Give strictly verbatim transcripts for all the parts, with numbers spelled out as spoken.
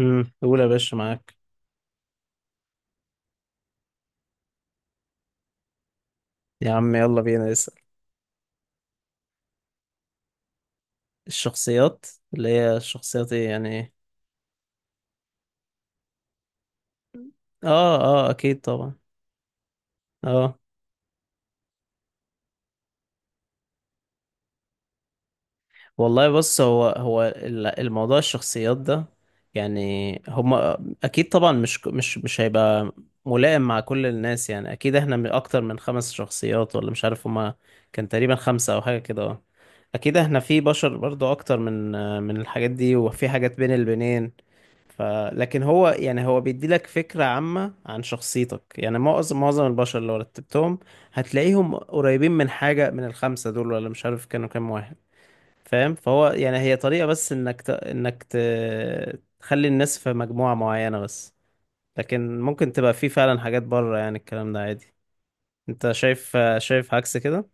امم قول يا باشا معاك. يا عم يلا بينا نسأل. الشخصيات اللي هي الشخصيات ايه يعني إيه؟ اه. اه اكيد طبعا. اه والله بص، هو هو ال- الموضوع الشخصيات ده، يعني هما اكيد طبعا مش مش مش هيبقى ملائم مع كل الناس، يعني اكيد احنا من اكتر من خمس شخصيات ولا مش عارف، هما كان تقريبا خمسة او حاجة كده اه. اكيد احنا في بشر برضو اكتر من من الحاجات دي، وفي حاجات بين البنين. ف... لكن هو يعني هو بيديلك فكرة عامة عن شخصيتك، يعني معظم معظم البشر اللي رتبتهم هتلاقيهم قريبين من حاجة من الخمسة دول، ولا مش عارف كانوا كام واحد. فاهم؟ فهو يعني هي طريقة بس انك ت... انك ت... تخلي الناس في مجموعة معينة بس، لكن ممكن تبقى في فعلا حاجات بره، يعني الكلام ده عادي. انت شايف شايف عكس كده؟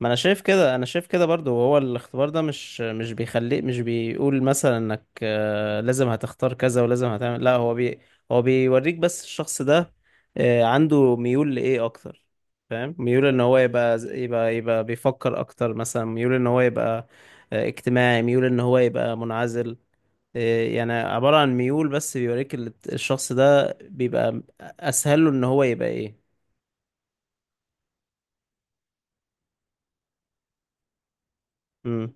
ما انا شايف كده، انا شايف كده برضو. وهو الاختبار ده مش مش بيخليك، مش بيقول مثلا انك آه، لازم هتختار كذا ولازم هتعمل، لا هو بي هو بيوريك بس الشخص ده آه، عنده ميول لايه اكتر. فاهم؟ ميول ان هو يبقى يبقى يبقى بيفكر اكتر، مثلا ميول ان هو يبقى آه، اجتماعي، ميول ان هو يبقى منعزل، آه، يعني عبارة عن ميول. بس بيوريك ال- الشخص ده بيبقى اسهل له ان هو يبقى ايه. امم.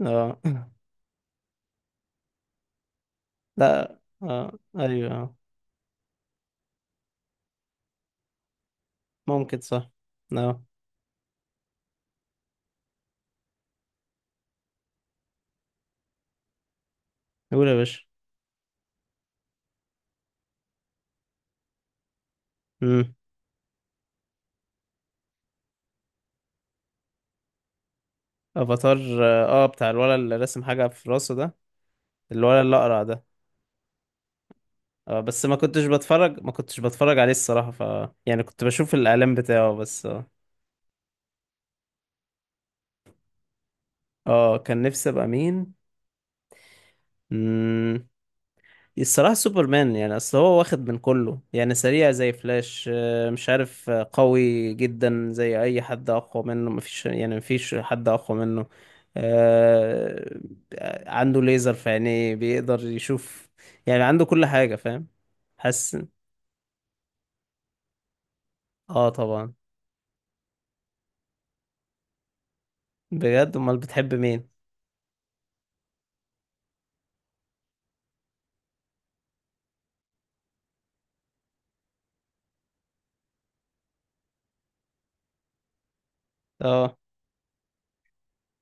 اه لا اه. ايوه. ممكن صح. اه. قول يا باشا. امم. افاتار؟ اه بتاع الولد اللي رسم حاجة في راسه ده؟ الولد اللي اقرع ده؟ اه بس ما كنتش بتفرج ما كنتش بتفرج عليه الصراحة. ف يعني كنت بشوف الاعلان بتاعه بس اه. اه كان نفسي ابقى مين. امم. الصراحة سوبرمان، يعني أصل هو واخد من كله، يعني سريع زي فلاش، آه، مش عارف، آه، قوي جدا زي أي حد، أقوى منه مفيش، يعني مفيش حد أقوى منه. آه، عنده ليزر في عينيه، بيقدر يشوف، يعني عنده كل حاجة. فاهم؟ حاسس. اه طبعا. بجد؟ أمال بتحب مين؟ اه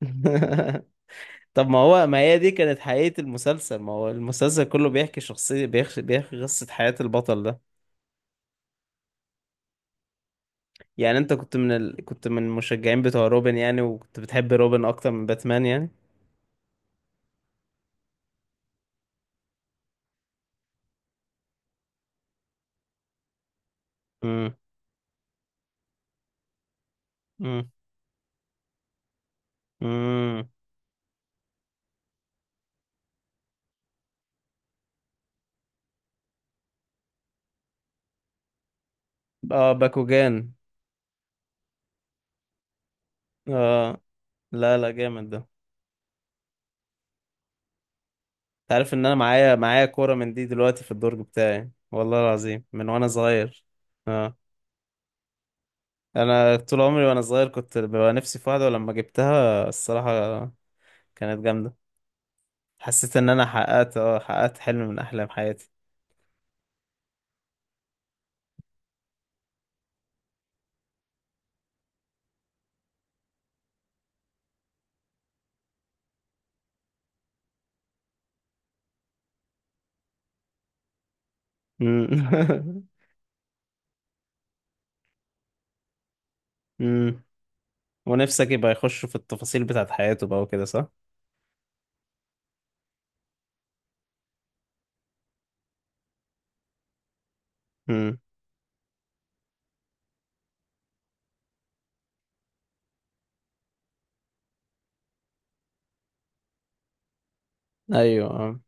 طب ما هو، ما هي دي كانت حقيقة المسلسل، ما هو المسلسل كله بيحكي شخصية، بيحكي, بيحكي قصة حياة البطل ده. يعني انت كنت من ال... كنت من المشجعين بتوع روبن يعني؟ وكنت بتحب روبن اكتر من باتمان يعني؟ امم. امم. امم. اه باكوجان. اه لا لا، جامد ده. انت عارف ان انا معايا معايا كورة من دي دلوقتي في الدرج بتاعي والله العظيم من وانا صغير. اه. انا طول عمري وانا صغير كنت ببقى نفسي في واحدة، ولما جبتها الصراحة كانت جامدة. حسيت ان انا حققت اه حققت حلم من احلام حياتي. امم امم. ونفسك يبقى يخش في التفاصيل بتاعت حياته بقى وكده، صح؟ امم. ايوه. آه.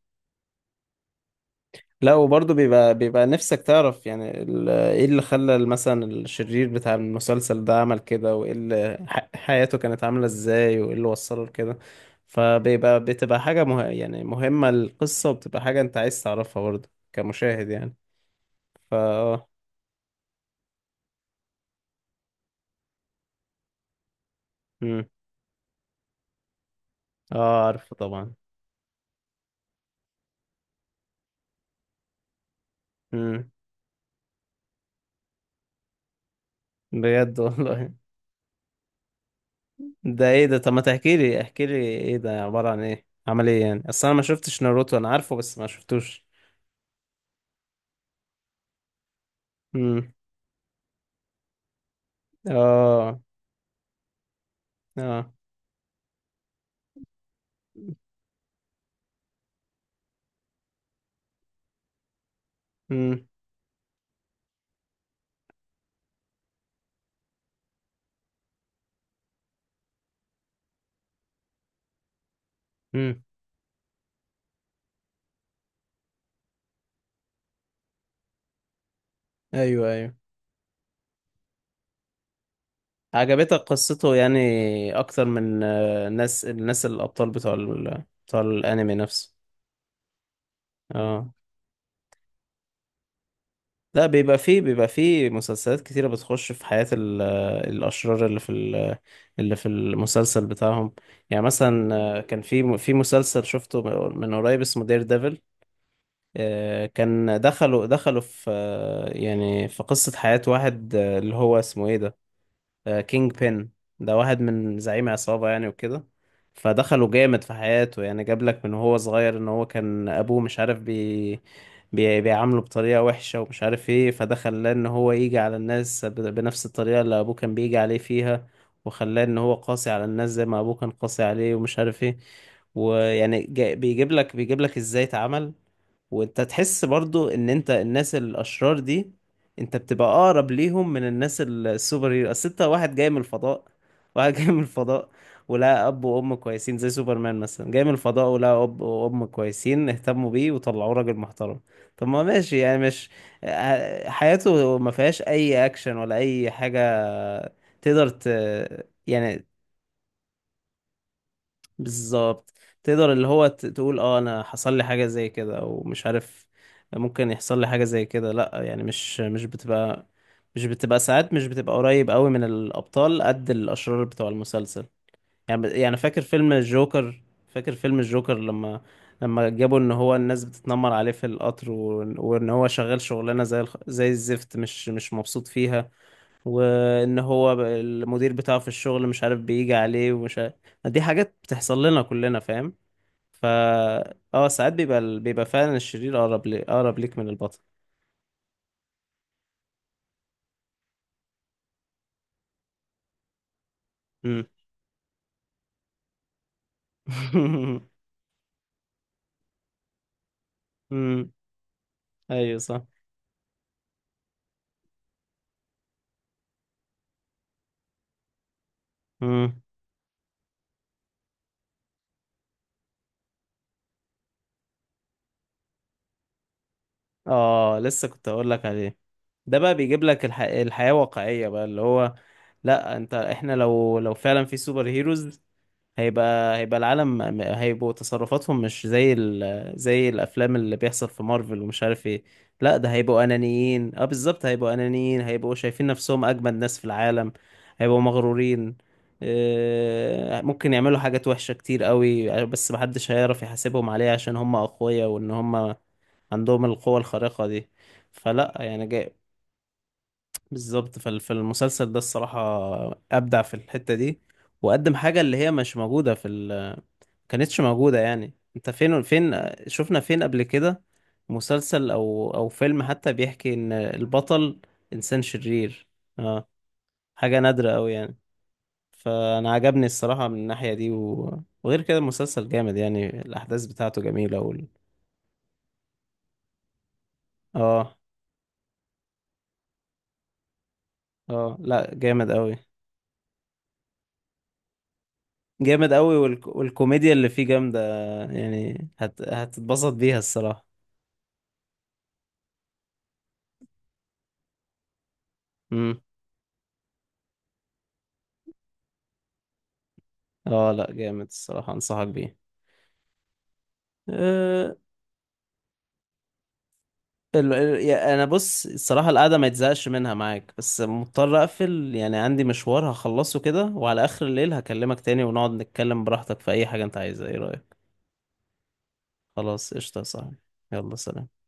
لا، وبرضه بيبقى بيبقى نفسك تعرف يعني ال- ايه اللي خلى مثلا الشرير بتاع المسلسل ده عمل كده، وايه اللي ح- حياته كانت عاملة ازاي، وايه اللي وصله لكده. فبيبقى بتبقى حاجة مه... يعني مهمة القصة، وبتبقى حاجة انت عايز تعرفها برضه كمشاهد يعني. فا اه امم. اه عارفه طبعا. امم. بجد والله. ده ايه ده؟ طب ما تحكي لي احكي لي، ايه ده؟ عبارة عن ايه؟ عمل ايه يعني؟ اصل انا ما شفتش ناروتو، انا عارفه بس ما شفتوش. اه. اه. امم. امم. ايوه. ايوه. عجبتك قصته يعني اكتر من آه، الناس الناس الابطال بتوع ال... بتوع الانمي نفسه؟ اه لا، بيبقى فيه بيبقى فيه مسلسلات كتيرة بتخش في حياة ال... آه، الاشرار اللي في ال... اللي في المسلسل بتاعهم. يعني مثلا آه، كان في في مسلسل شفته من قريب اسمه دير ديفل، آه، كان دخلوا دخلوا في آه، يعني في قصة حياة واحد، آه، اللي هو اسمه ايه ده، آه، كينج بين. ده واحد من زعيم عصابة يعني وكده. فدخله جامد في حياته، يعني جاب لك من هو صغير ان هو كان ابوه مش عارف بي... بي... بيعامله بطريقة وحشة ومش عارف ايه، فده خلاه ان هو يجي على الناس ب... بنفس الطريقة اللي ابوه كان بيجي عليه فيها، وخلاه ان هو قاسي على الناس زي ما ابوه كان قاسي عليه ومش عارف ايه. ويعني جا- بيجيب لك بيجيب لك ازاي اتعمل. وانت تحس برضو ان انت الناس الاشرار دي انت بتبقى اقرب ليهم من الناس السوبر هيرو، اصل انت واحد جاي من الفضاء، واحد جاي من الفضاء، ولا اب وام كويسين زي سوبرمان مثلا، جاي من الفضاء ولا اب وام كويسين اهتموا بيه وطلعوه راجل محترم. طب ما ماشي، يعني مش ح- حياته ما فيهاش اي اكشن ولا اي حاجة. تقدر ت... يعني بالظبط تقدر اللي هو ت- تقول اه انا حصل لي حاجة زي كده، او مش عارف ممكن يحصل لي حاجة زي كده. لا يعني مش مش بتبقى، مش بتبقى ساعات، مش بتبقى قريب قوي من الابطال قد الاشرار بتوع المسلسل. يعني يعني فاكر فيلم الجوكر فاكر فيلم الجوكر لما لما جابوا ان هو الناس بتتنمر عليه في القطر، وان وإن هو شغال شغلانة زي الخ... زي الزفت، مش مش مبسوط فيها، وان هو ب- المدير بتاعه في الشغل مش عارف بيجي عليه ومش عارف. دي حاجات بتحصل لنا كلنا. فاهم؟ فا اه ساعات بيبقى ال- بيبقى فعلا الشرير اقرب لي... اقرب ليك من البطل. امم امم. ايوه صح. امم. اه لسه كنت اقول لك عليه. ده بقى بيجيب لك الح... الحياة واقعية بقى. اللي هو لا، انت، احنا لو لو فعلا في سوبر هيروز، هيبقى هيبقى العالم م- هيبقوا تصرفاتهم مش زي ال... زي الافلام اللي بيحصل في مارفل ومش عارف ايه. لا، ده هيبقوا انانيين. اه بالظبط، هيبقوا انانيين، هيبقوا شايفين نفسهم اجمد ناس في العالم، هيبقوا مغرورين. آه، ممكن يعملوا حاجات وحشة كتير قوي، بس محدش هيعرف يحاسبهم عليها عشان هم اقوياء وان هم عندهم القوة الخارقة دي. فلا يعني جاي، بالظبط. فال- فالمسلسل ده الصراحة ابدع في الحتة دي، وقدم حاجة اللي هي مش موجودة في، كانتش موجودة. يعني انت فين فين شفنا فين قبل كده مسلسل او او فيلم حتى بيحكي ان البطل انسان شرير؟ اه. حاجة نادرة قوي يعني. فانا عجبني الصراحة من الناحية دي و... وغير كده المسلسل جامد، يعني الاحداث بتاعته جميلة وال... اه. اه لا جامد قوي. جامد قوي. والك... والكوميديا اللي فيه جامدة، يعني هت... هتتبسط بيها الصراحة. امم. اه لا جامد، الصراحة انصحك بيه. آه، ال... ال... يا- انا بص، الصراحه القعده ما يتزهقش منها معاك، بس مضطر اقفل يعني، عندي مشوار هخلصه كده، وعلى اخر الليل هكلمك تاني ونقعد نتكلم براحتك في اي حاجه انت عايزها. ايه رايك؟ خلاص قشطه يا صاحبي. يلا سلام.